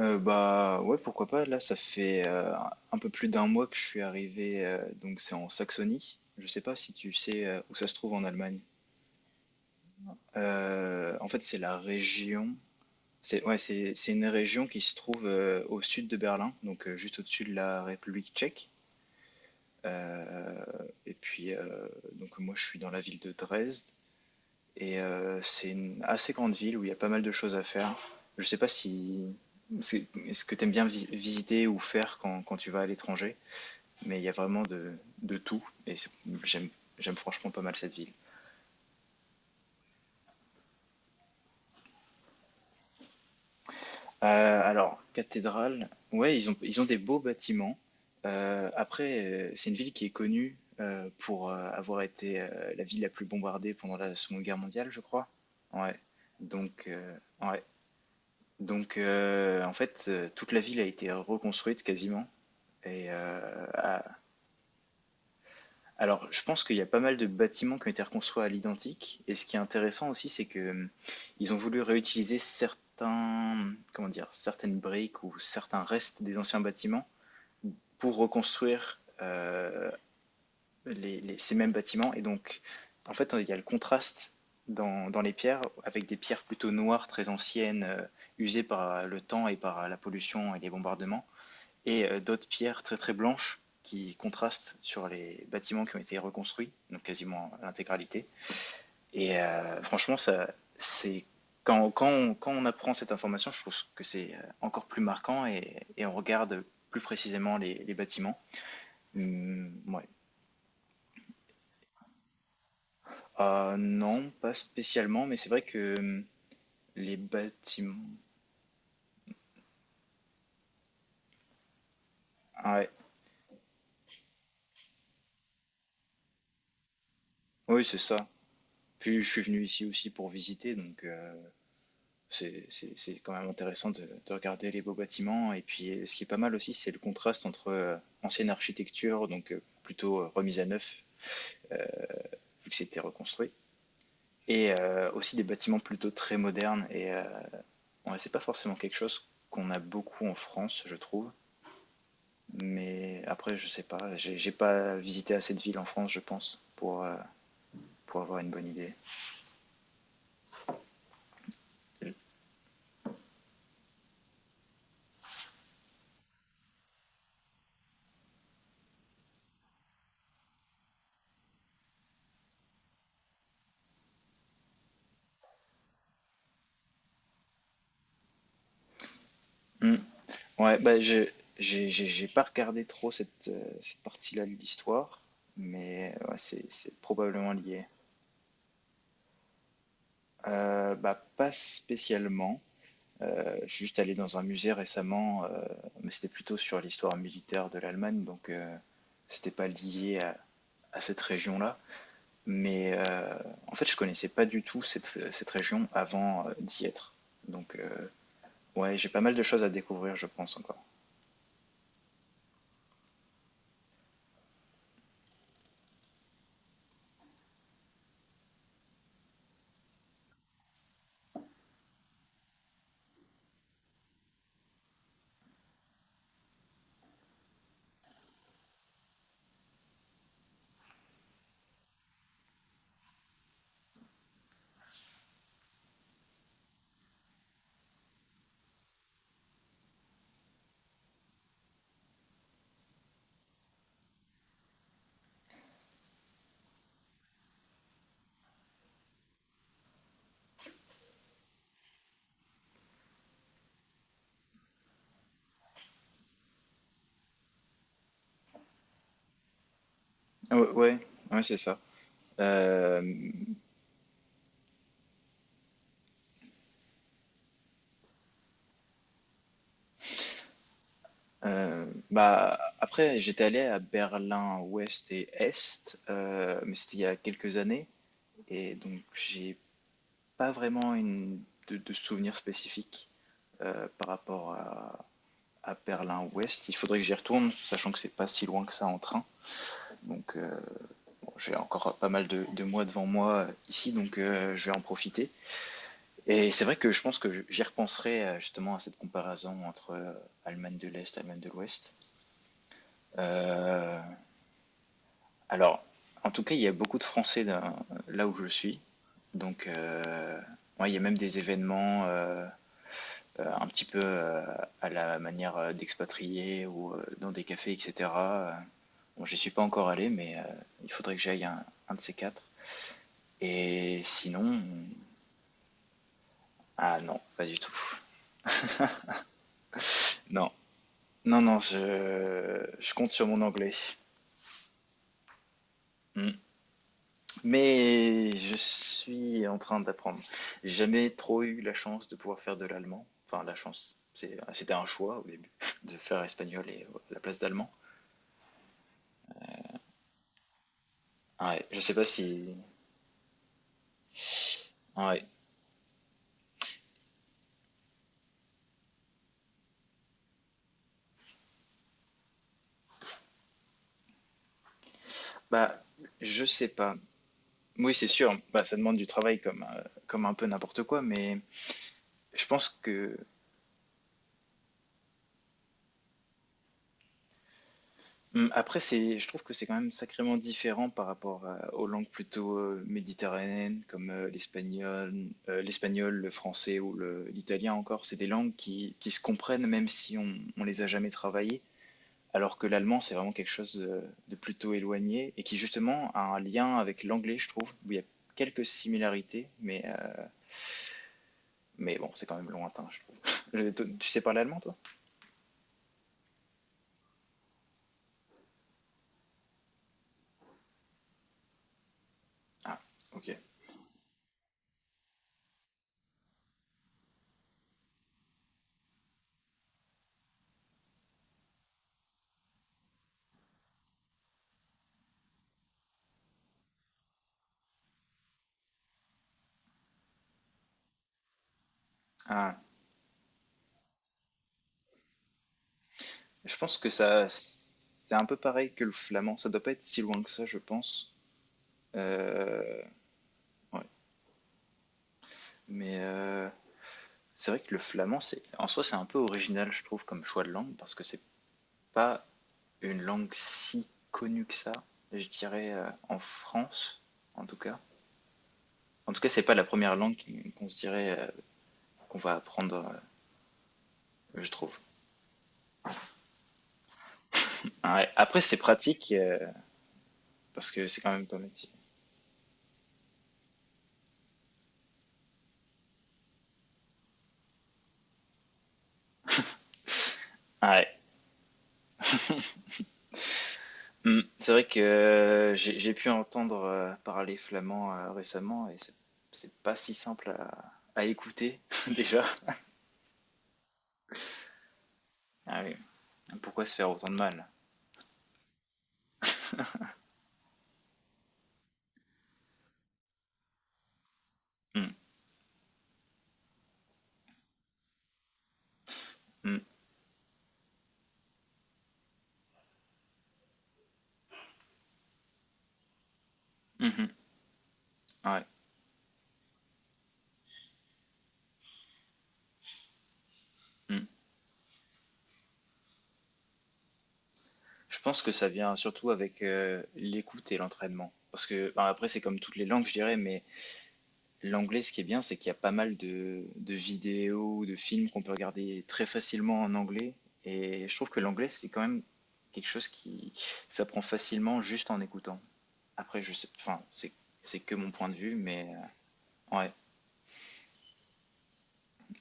Bah ouais, pourquoi pas. Là, ça fait un peu plus d'un mois que je suis arrivé, donc c'est en Saxonie. Je sais pas si tu sais où ça se trouve en Allemagne. En fait, c'est la région. C'est ouais, c'est une région qui se trouve au sud de Berlin, donc juste au-dessus de la République tchèque. Euh, et puis donc moi, je suis dans la ville de Dresde. Et c'est une assez grande ville où il y a pas mal de choses à faire. Je sais pas si c'est ce que tu aimes bien visiter ou faire quand tu vas à l'étranger, mais il y a vraiment de tout et j'aime j'aime franchement pas mal cette ville. Alors, cathédrale, ouais, ils ont des beaux bâtiments. Après, c'est une ville qui est connue pour avoir été la ville la plus bombardée pendant la Seconde Guerre mondiale, je crois. Ouais, donc, euh, ouais. Donc, en fait, toute la ville a été reconstruite quasiment. Et alors, je pense qu'il y a pas mal de bâtiments qui ont été reconstruits à l'identique. Et ce qui est intéressant aussi, c'est que ils ont voulu réutiliser certains, comment dire, certaines briques ou certains restes des anciens bâtiments pour reconstruire ces mêmes bâtiments. Et donc, en fait, il y a le contraste dans les pierres avec des pierres plutôt noires, très anciennes, usées par le temps et par la pollution et les bombardements. Et d'autres pierres très très blanches qui contrastent sur les bâtiments qui ont été reconstruits, donc quasiment l'intégralité. Et franchement, ça, c'est quand on apprend cette information, je trouve que c'est encore plus marquant et on regarde plus précisément les bâtiments. Ouais. Non, pas spécialement, mais c'est vrai que les bâtiments. Ah ouais. Oui, c'est ça. Puis je suis venu ici aussi pour visiter, donc c'est quand même intéressant de regarder les beaux bâtiments. Et puis, ce qui est pas mal aussi, c'est le contraste entre ancienne architecture, donc plutôt remise à neuf, vu que c'était reconstruit, et aussi des bâtiments plutôt très modernes. Et ouais, c'est pas forcément quelque chose qu'on a beaucoup en France, je trouve. Mais après, je sais pas, j'ai pas visité assez de villes en France, je pense, pour avoir une bonne idée. Hmm. Ouais, bah, j'ai pas regardé trop cette partie-là de l'histoire, mais ouais, c'est probablement lié. Bah, pas spécialement. Je suis juste allé dans un musée récemment, mais c'était plutôt sur l'histoire militaire de l'Allemagne, donc c'était pas lié à cette région-là. Mais en fait, je connaissais pas du tout cette région avant d'y être. Donc, ouais, j'ai pas mal de choses à découvrir, je pense encore. Ah ouais, ouais, ouais, c'est ça. Euh, Bah, après, j'étais allé à Berlin-Ouest et Est, mais c'était il y a quelques années, et donc j'ai pas vraiment de souvenirs spécifiques par rapport à Berlin-Ouest. Il faudrait que j'y retourne, sachant que c'est pas si loin que ça en train. Donc bon, j'ai encore pas mal de mois devant moi ici, donc je vais en profiter. Et c'est vrai que je pense que j'y repenserai justement à cette comparaison entre Allemagne de l'Est, et Allemagne de l'Ouest. Euh, Alors, en tout cas, il y a beaucoup de Français là où je suis. Donc, ouais, il y a même des événements un petit peu à la manière d'expatriés ou dans des cafés, etc. Bon, j'y suis pas encore allé, mais il faudrait que j'aille un de ces quatre. Et sinon, ah non, pas du tout. Non, non, non, je compte sur mon anglais. Hmm. Mais je suis en train d'apprendre. J'ai jamais trop eu la chance de pouvoir faire de l'allemand. Enfin, la chance. C'était un choix au début de faire espagnol et à la place d'allemand. Ah ouais, je sais pas si. Ah ouais. Bah, je sais pas. Oui, c'est sûr. Bah, ça demande du travail comme, comme un peu n'importe quoi, mais je pense que. Mmh, Après, je trouve que c'est quand même sacrément différent par rapport aux langues plutôt méditerranéennes comme l'espagnol, le français ou l'italien encore. C'est des langues qui se comprennent même si on les a jamais travaillées, alors que l'allemand, c'est vraiment quelque chose de plutôt éloigné et qui justement a un lien avec l'anglais, je trouve, où il y a quelques similarités, mais bon, c'est quand même lointain, je trouve. Tu sais parler allemand, toi? Ah, ok. Ah, je pense que ça, c'est un peu pareil que le flamand. Ça doit pas être si loin que ça, je pense. Euh, ouais. Mais c'est vrai que le flamand, c'est en soi, c'est un peu original, je trouve, comme choix de langue, parce que c'est pas une langue si connue que ça, je dirais, en France, en tout cas. En tout cas, c'est pas la première langue qu'on se dirait qu'on va apprendre, je trouve. Ouais. Après, c'est pratique, parce que c'est quand même pas mal. Ouais. Mm. C'est vrai que j'ai pu entendre parler flamand récemment et c'est pas si simple à écouter déjà. Ah oui. Pourquoi se faire autant de mal? Mm. Mm. Mhm. Ouais. Mm. Je pense que ça vient surtout avec l'écoute et l'entraînement. Parce que enfin, après c'est comme toutes les langues je dirais, mais l'anglais ce qui est bien c'est qu'il y a pas mal de vidéos, de films qu'on peut regarder très facilement en anglais et je trouve que l'anglais c'est quand même quelque chose qui s'apprend facilement juste en écoutant. Après, je sais, enfin, c'est que mon point de vue, mais ouais.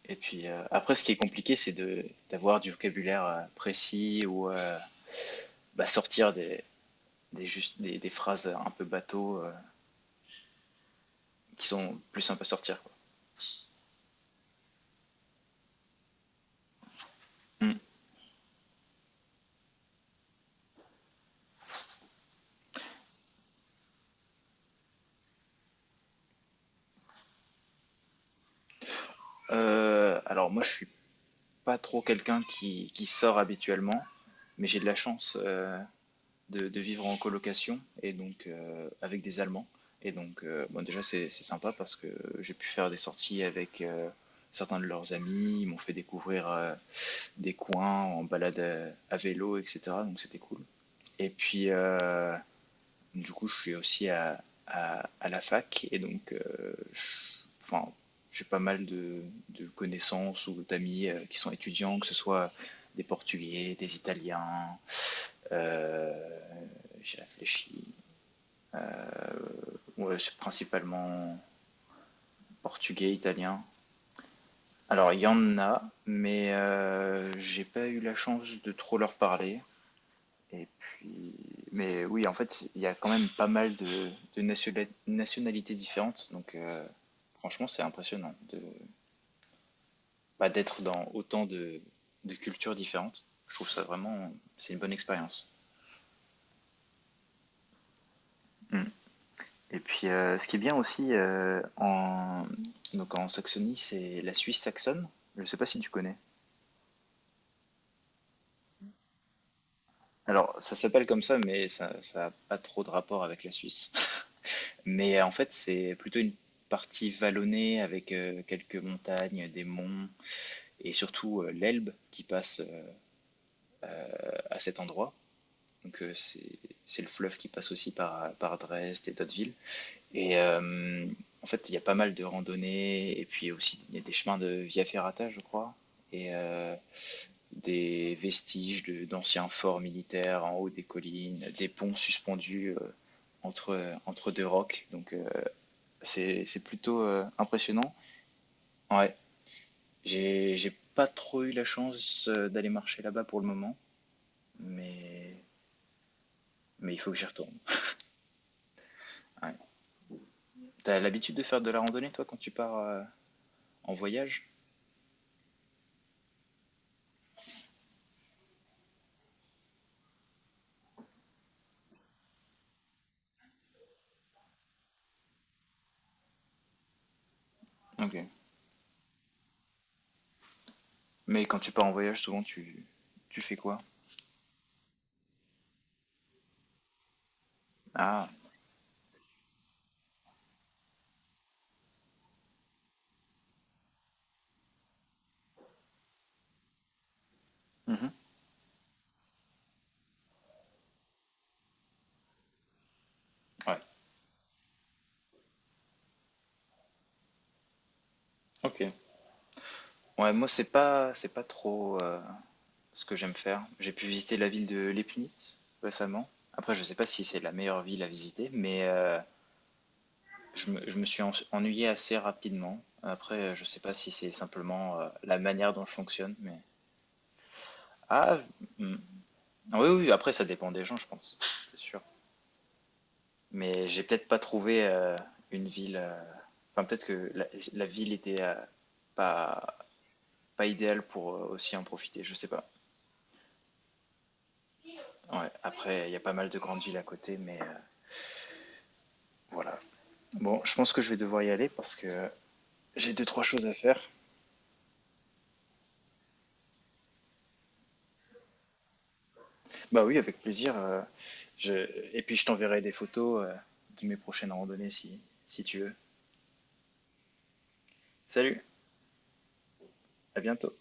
Et puis après, ce qui est compliqué, c'est de d'avoir du vocabulaire précis ou bah, sortir des, juste, des phrases un peu bateau qui sont plus sympas à sortir, quoi. Hmm. Alors moi, je suis pas trop quelqu'un qui sort habituellement, mais j'ai de la chance, de vivre en colocation et donc avec des Allemands. Et donc, bon, déjà, c'est sympa parce que j'ai pu faire des sorties avec certains de leurs amis. Ils m'ont fait découvrir des coins en balade à vélo, etc. Donc, c'était cool. Et puis, du coup, je suis aussi à la fac et donc, enfin, j'ai pas mal de connaissances ou d'amis qui sont étudiants, que ce soit des Portugais, des Italiens. euh, j'ai réfléchi. Ouais, c'est principalement Portugais, Italien. Alors, il y en a, mais j'ai pas eu la chance de trop leur parler. Et puis, mais oui, en fait, il y a quand même pas mal de nationalités différentes. Donc, franchement, c'est impressionnant bah, d'être dans autant de cultures différentes. Je trouve ça vraiment, c'est une bonne expérience. Mm. Et puis, ce qui est bien aussi donc en Saxonie, c'est la Suisse saxonne. Je ne sais pas si tu connais. Alors, ça s'appelle comme ça, mais ça n'a pas trop de rapport avec la Suisse. Mais en fait, c'est plutôt une partie vallonnée avec quelques montagnes, des monts et surtout l'Elbe qui passe à cet endroit. Donc c'est le fleuve qui passe aussi par Dresde et d'autres villes. Et en fait, il y a pas mal de randonnées et puis aussi il y a des chemins de Via Ferrata, je crois, et des vestiges d'anciens forts militaires en haut des collines, des ponts suspendus entre deux rocs. Donc c'est plutôt impressionnant. Ouais, j'ai pas trop eu la chance d'aller marcher là-bas pour le moment, mais mais il faut que j'y retourne. Ouais. T'as l'habitude de faire de la randonnée toi quand tu pars en voyage? Ok. Mais quand tu pars en voyage, souvent tu fais quoi? Ah. Mhm. Ouais. Ok. Ouais, moi c'est pas trop ce que j'aime faire. J'ai pu visiter la ville de Leibniz récemment. Après, je sais pas si c'est la meilleure ville à visiter, mais je me suis ennuyé assez rapidement. Après, je sais pas si c'est simplement la manière dont je fonctionne, mais. Ah, hmm. Oui, oui, après, ça dépend des gens, je pense, c'est sûr. Mais j'ai peut-être pas trouvé une ville. Enfin, peut-être que la ville était pas, pas idéale pour aussi en profiter, je sais pas. Ouais, après, il y a pas mal de grandes villes à côté, mais voilà. Bon, je pense que je vais devoir y aller parce que j'ai deux, trois choses à faire. Bah oui, avec plaisir. je... Et puis je t'enverrai des photos de mes prochaines randonnées si tu veux. Salut, à bientôt.